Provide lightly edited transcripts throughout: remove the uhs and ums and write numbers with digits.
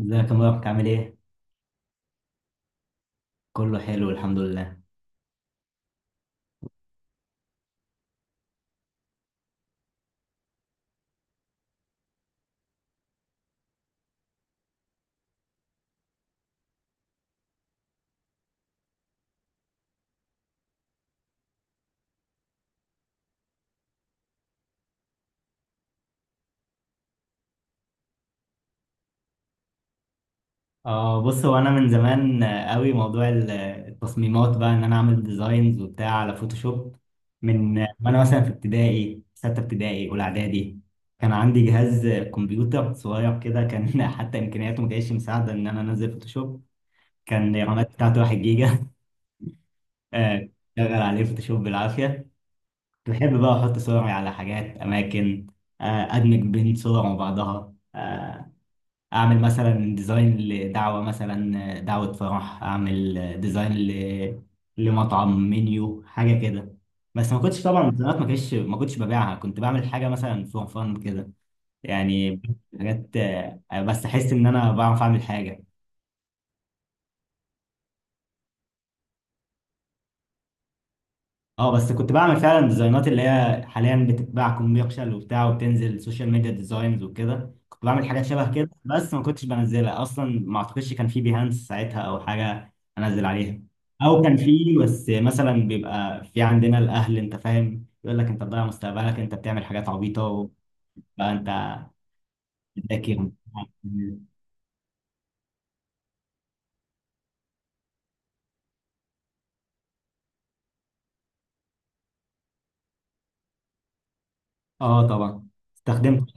ازيك يا مبارك عامل ايه؟ كله حلو الحمد لله. اه، بص، هو انا من زمان قوي موضوع التصميمات بقى ان انا اعمل ديزاينز وبتاع على فوتوشوب. من آه، وانا مثلا في ابتدائي ستة ابتدائي اولى اعدادي كان عندي جهاز كمبيوتر صغير كده كان حتى امكانياته ما كانتش مساعده ان انا انزل فوتوشوب. كان الرامات بتاعته 1 جيجا. آه، شغل عليه فوتوشوب بالعافيه. كنت بحب بقى احط صوري على حاجات اماكن، ادمج بين صور وبعضها، اعمل مثلا ديزاين لدعوه، مثلا دعوه فرح اعمل ديزاين لمطعم منيو حاجه كده. بس ما كنتش طبعا الديزاينات ما كنتش ببيعها، كنت بعمل حاجه مثلا فور فان كده يعني، حاجات بس احس ان انا بعرف اعمل حاجه. اه، بس كنت بعمل فعلا ديزاينات اللي هي حاليا بتتباع كوميرشال وبتاع، وبتنزل سوشيال ميديا ديزاينز وكده، كنت بعمل حاجات شبه كده بس ما كنتش بنزلها اصلا، ما اعتقدش كان في بيهانس ساعتها او حاجه انزل عليها، او كان في بس مثلا بيبقى في عندنا الاهل، انت فاهم، يقول لك انت بتضيع مستقبلك، انت بتعمل حاجات عبيطه وبقى. انت بتذاكر. اه طبعا، استخدمت.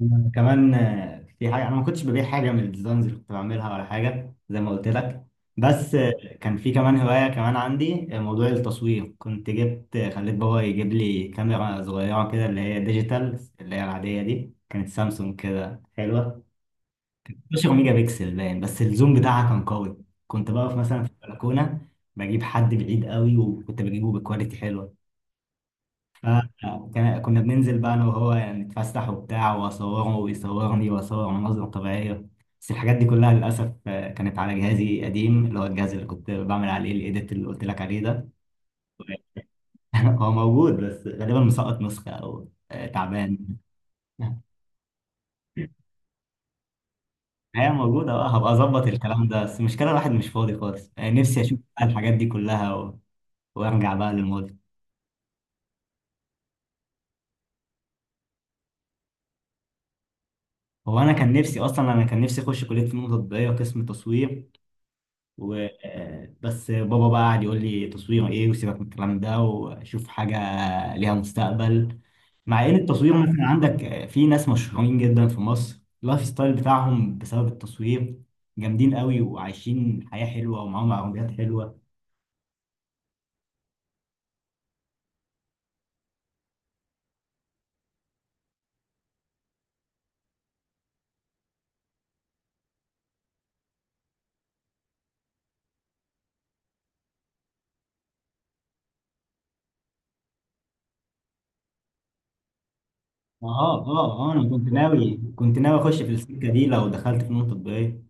أنا كمان، في حاجة، أنا ما كنتش ببيع حاجة من الديزاينز اللي كنت بعملها ولا حاجة زي ما قلت لك، بس كان في كمان هواية كمان عندي، موضوع التصوير، كنت جبت، خليت بابا يجيب لي كاميرا صغيرة كده اللي هي ديجيتال، اللي هي العادية دي، كانت سامسونج كده حلوة. 12 ميجا بكسل باين، بس الزوم بتاعها كان قوي. كنت بقف مثلا في البلكونة بجيب حد بعيد قوي، وكنت بجيبه بكواليتي حلوة. آه، كنا بننزل بقى انا وهو يعني نتفسح وبتاع، واصوره ويصورني، واصور مناظر طبيعيه. بس الحاجات دي كلها للاسف كانت على جهازي قديم، اللي هو الجهاز اللي كنت بعمل عليه الايديت اللي قلت لك عليه ده. هو موجود، بس غالبا مسقط نسخه او تعبان. هي موجوده بقى، هبقى اظبط الكلام ده، بس المشكله الواحد مش فاضي خالص. نفسي اشوف بقى الحاجات دي كلها وارجع بقى للماضي. هو انا كان نفسي اخش كليه فنون تطبيقيه قسم تصوير، و آه، بس بابا بقى قعد يقول لي تصوير ايه، وسيبك من الكلام ده وشوف حاجه ليها مستقبل. مع ان التصوير مثلا عندك في ناس مشهورين جدا في مصر، اللايف ستايل بتاعهم بسبب التصوير، جامدين قوي وعايشين حياه حلوه ومعاهم عربيات حلوه. اه اه اه، انا كنت ناوي اخش في السكه دي لو دخلت فنون تطبيقيه.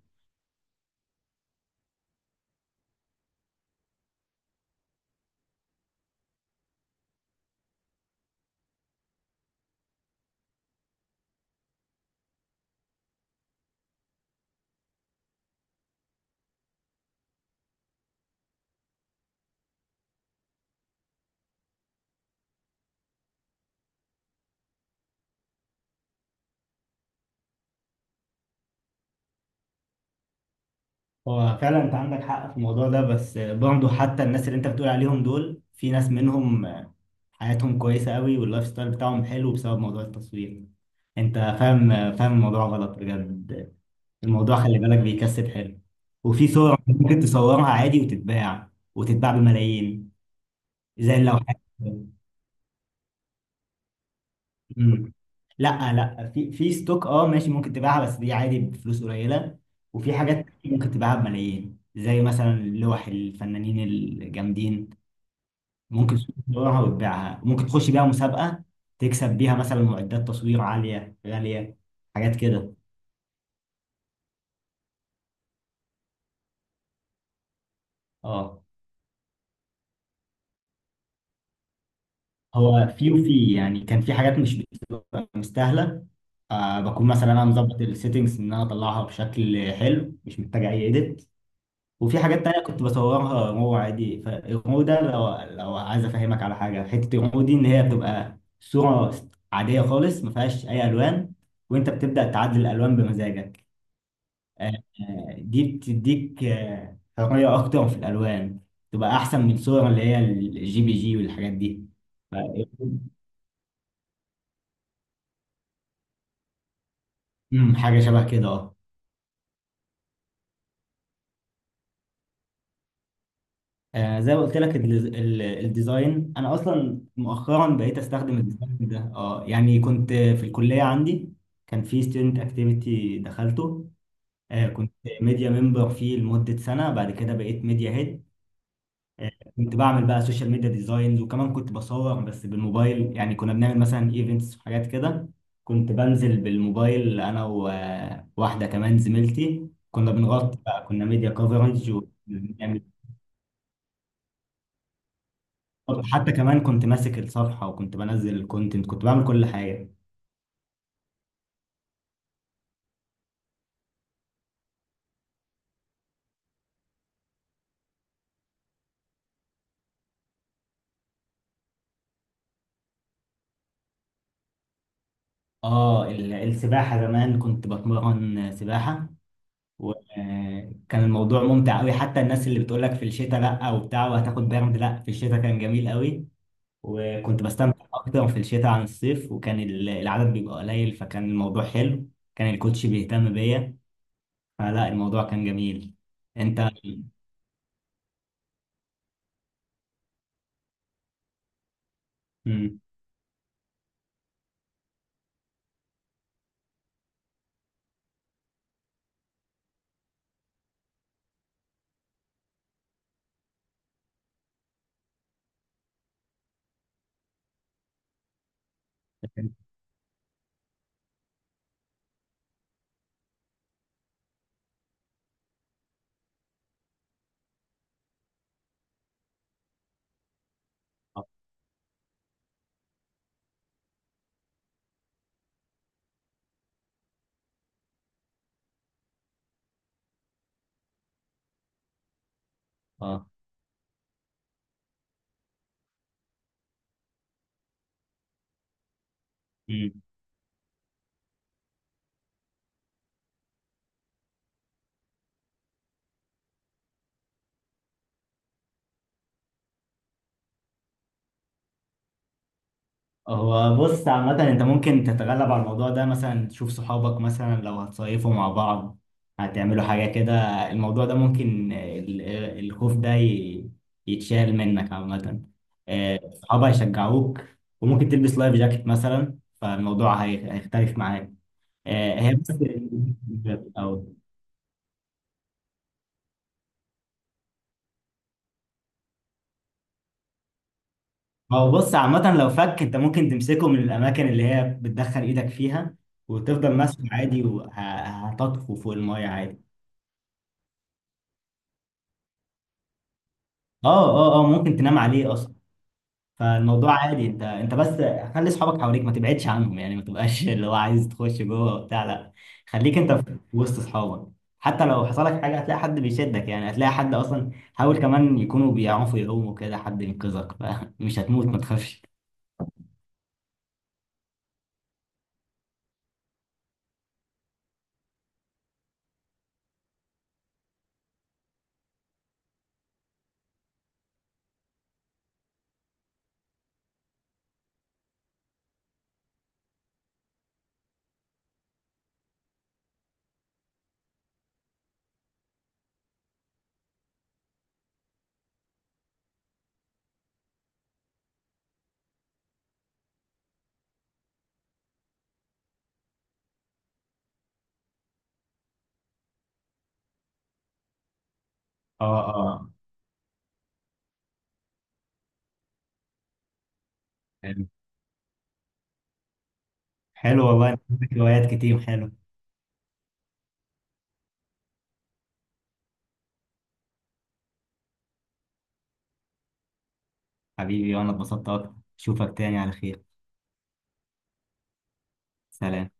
هو فعلا انت عندك حق في الموضوع ده، بس برضه حتى الناس اللي انت بتقول عليهم دول، في ناس منهم حياتهم كويسة قوي واللايف ستايل بتاعهم حلو بسبب موضوع التصوير. انت فاهم. فاهم الموضوع غلط بجد، الموضوع خلي بالك بيكسب حلو. وفي صور ممكن تصورها عادي وتتباع، وتتباع بملايين زي اللوحات. مم. لا لا، في في ستوك، اه ماشي ممكن تبيعها، بس دي عادي بفلوس قليلة، وفي حاجات ممكن تبيعها بملايين زي مثلا لوح الفنانين الجامدين. ممكن تسوق تطورها وتبيعها، ممكن تخش بيها مسابقة تكسب بيها مثلا معدات تصوير عالية غالية، حاجات كده. اه، هو وفي يعني كان في حاجات مش بتبقى مستاهلة، بكون مثلا انا مظبط السيتنجز ان انا اطلعها بشكل حلو مش محتاج اي اديت. وفي حاجات تانية كنت بصورها رو عادي، فالرو ده لو عايز افهمك على حاجة حتة، الرو دي ان هي بتبقى صورة عادية خالص ما فيهاش اي الوان، وانت بتبدأ تعدل الالوان بمزاجك. آه، دي بتديك حرية أكتر في الألوان، تبقى أحسن من صور اللي هي الجي بي جي والحاجات دي. ف- حاجة شبه كده اه. زي ما قلت لك، الديزاين، أنا أصلا مؤخرا بقيت أستخدم الديزاين ده. اه يعني كنت في الكلية عندي كان في ستودنت أكتيفيتي دخلته، كنت ميديا ممبر فيه لمدة سنة، بعد كده بقيت ميديا هيد. كنت بعمل بقى سوشيال ميديا ديزاينز، وكمان كنت بصور بس بالموبايل، يعني كنا بنعمل مثلا ايفنتس وحاجات كده. كنت بنزل بالموبايل انا وواحده كمان زميلتي، كنا بنغطي بقى، كنا ميديا كفرج وبنعمل. حتى كمان كنت ماسك الصفحه وكنت بنزل الكونتنت، كنت بعمل كل حاجه. اه، السباحه زمان كنت بتمرن سباحه، وكان الموضوع ممتع قوي، حتى الناس اللي بتقولك في الشتاء لا وبتاع، وهتاخد برد، لا في الشتاء كان جميل قوي. وكنت بستمتع أكتر في الشتاء عن الصيف، وكان العدد بيبقى قليل، فكان الموضوع حلو. كان الكوتش بيهتم بيا، فلا الموضوع كان جميل. أنت. مم. اه. آه. هو بص عامة، انت ممكن تتغلب على الموضوع ده، مثلا تشوف صحابك مثلا لو هتصيفوا مع بعض، هتعملوا حاجة كده. الموضوع ده ممكن الخوف ده يتشال منك عامة. صحابك هيشجعوك، وممكن تلبس لايف جاكيت مثلا، فالموضوع هيختلف معاك. هي بس أو. ما هو بص عامة لو فك، انت ممكن تمسكه من الأماكن اللي هي بتدخل إيدك فيها، وتفضل ماسكه عادي، وهتطفو فوق المية عادي. اه اه اه، ممكن تنام عليه اصلا. فالموضوع عادي، انت بس خلي اصحابك حواليك، ما تبعدش عنهم، يعني ما تبقاش اللي هو عايز تخش جوه وبتاع، لا خليك انت في وسط اصحابك. حتى لو حصل لك حاجه هتلاقي حد بيشدك، يعني هتلاقي حد اصلا، حاول كمان يكونوا بيعرفوا يقوموا كده حد ينقذك، فمش هتموت ما تخافش. اه اه، حلو حلو والله، عندك هوايات كتير حلو. حبيبي، وانا اتبسطت اكتر، اشوفك تاني على خير. سلام.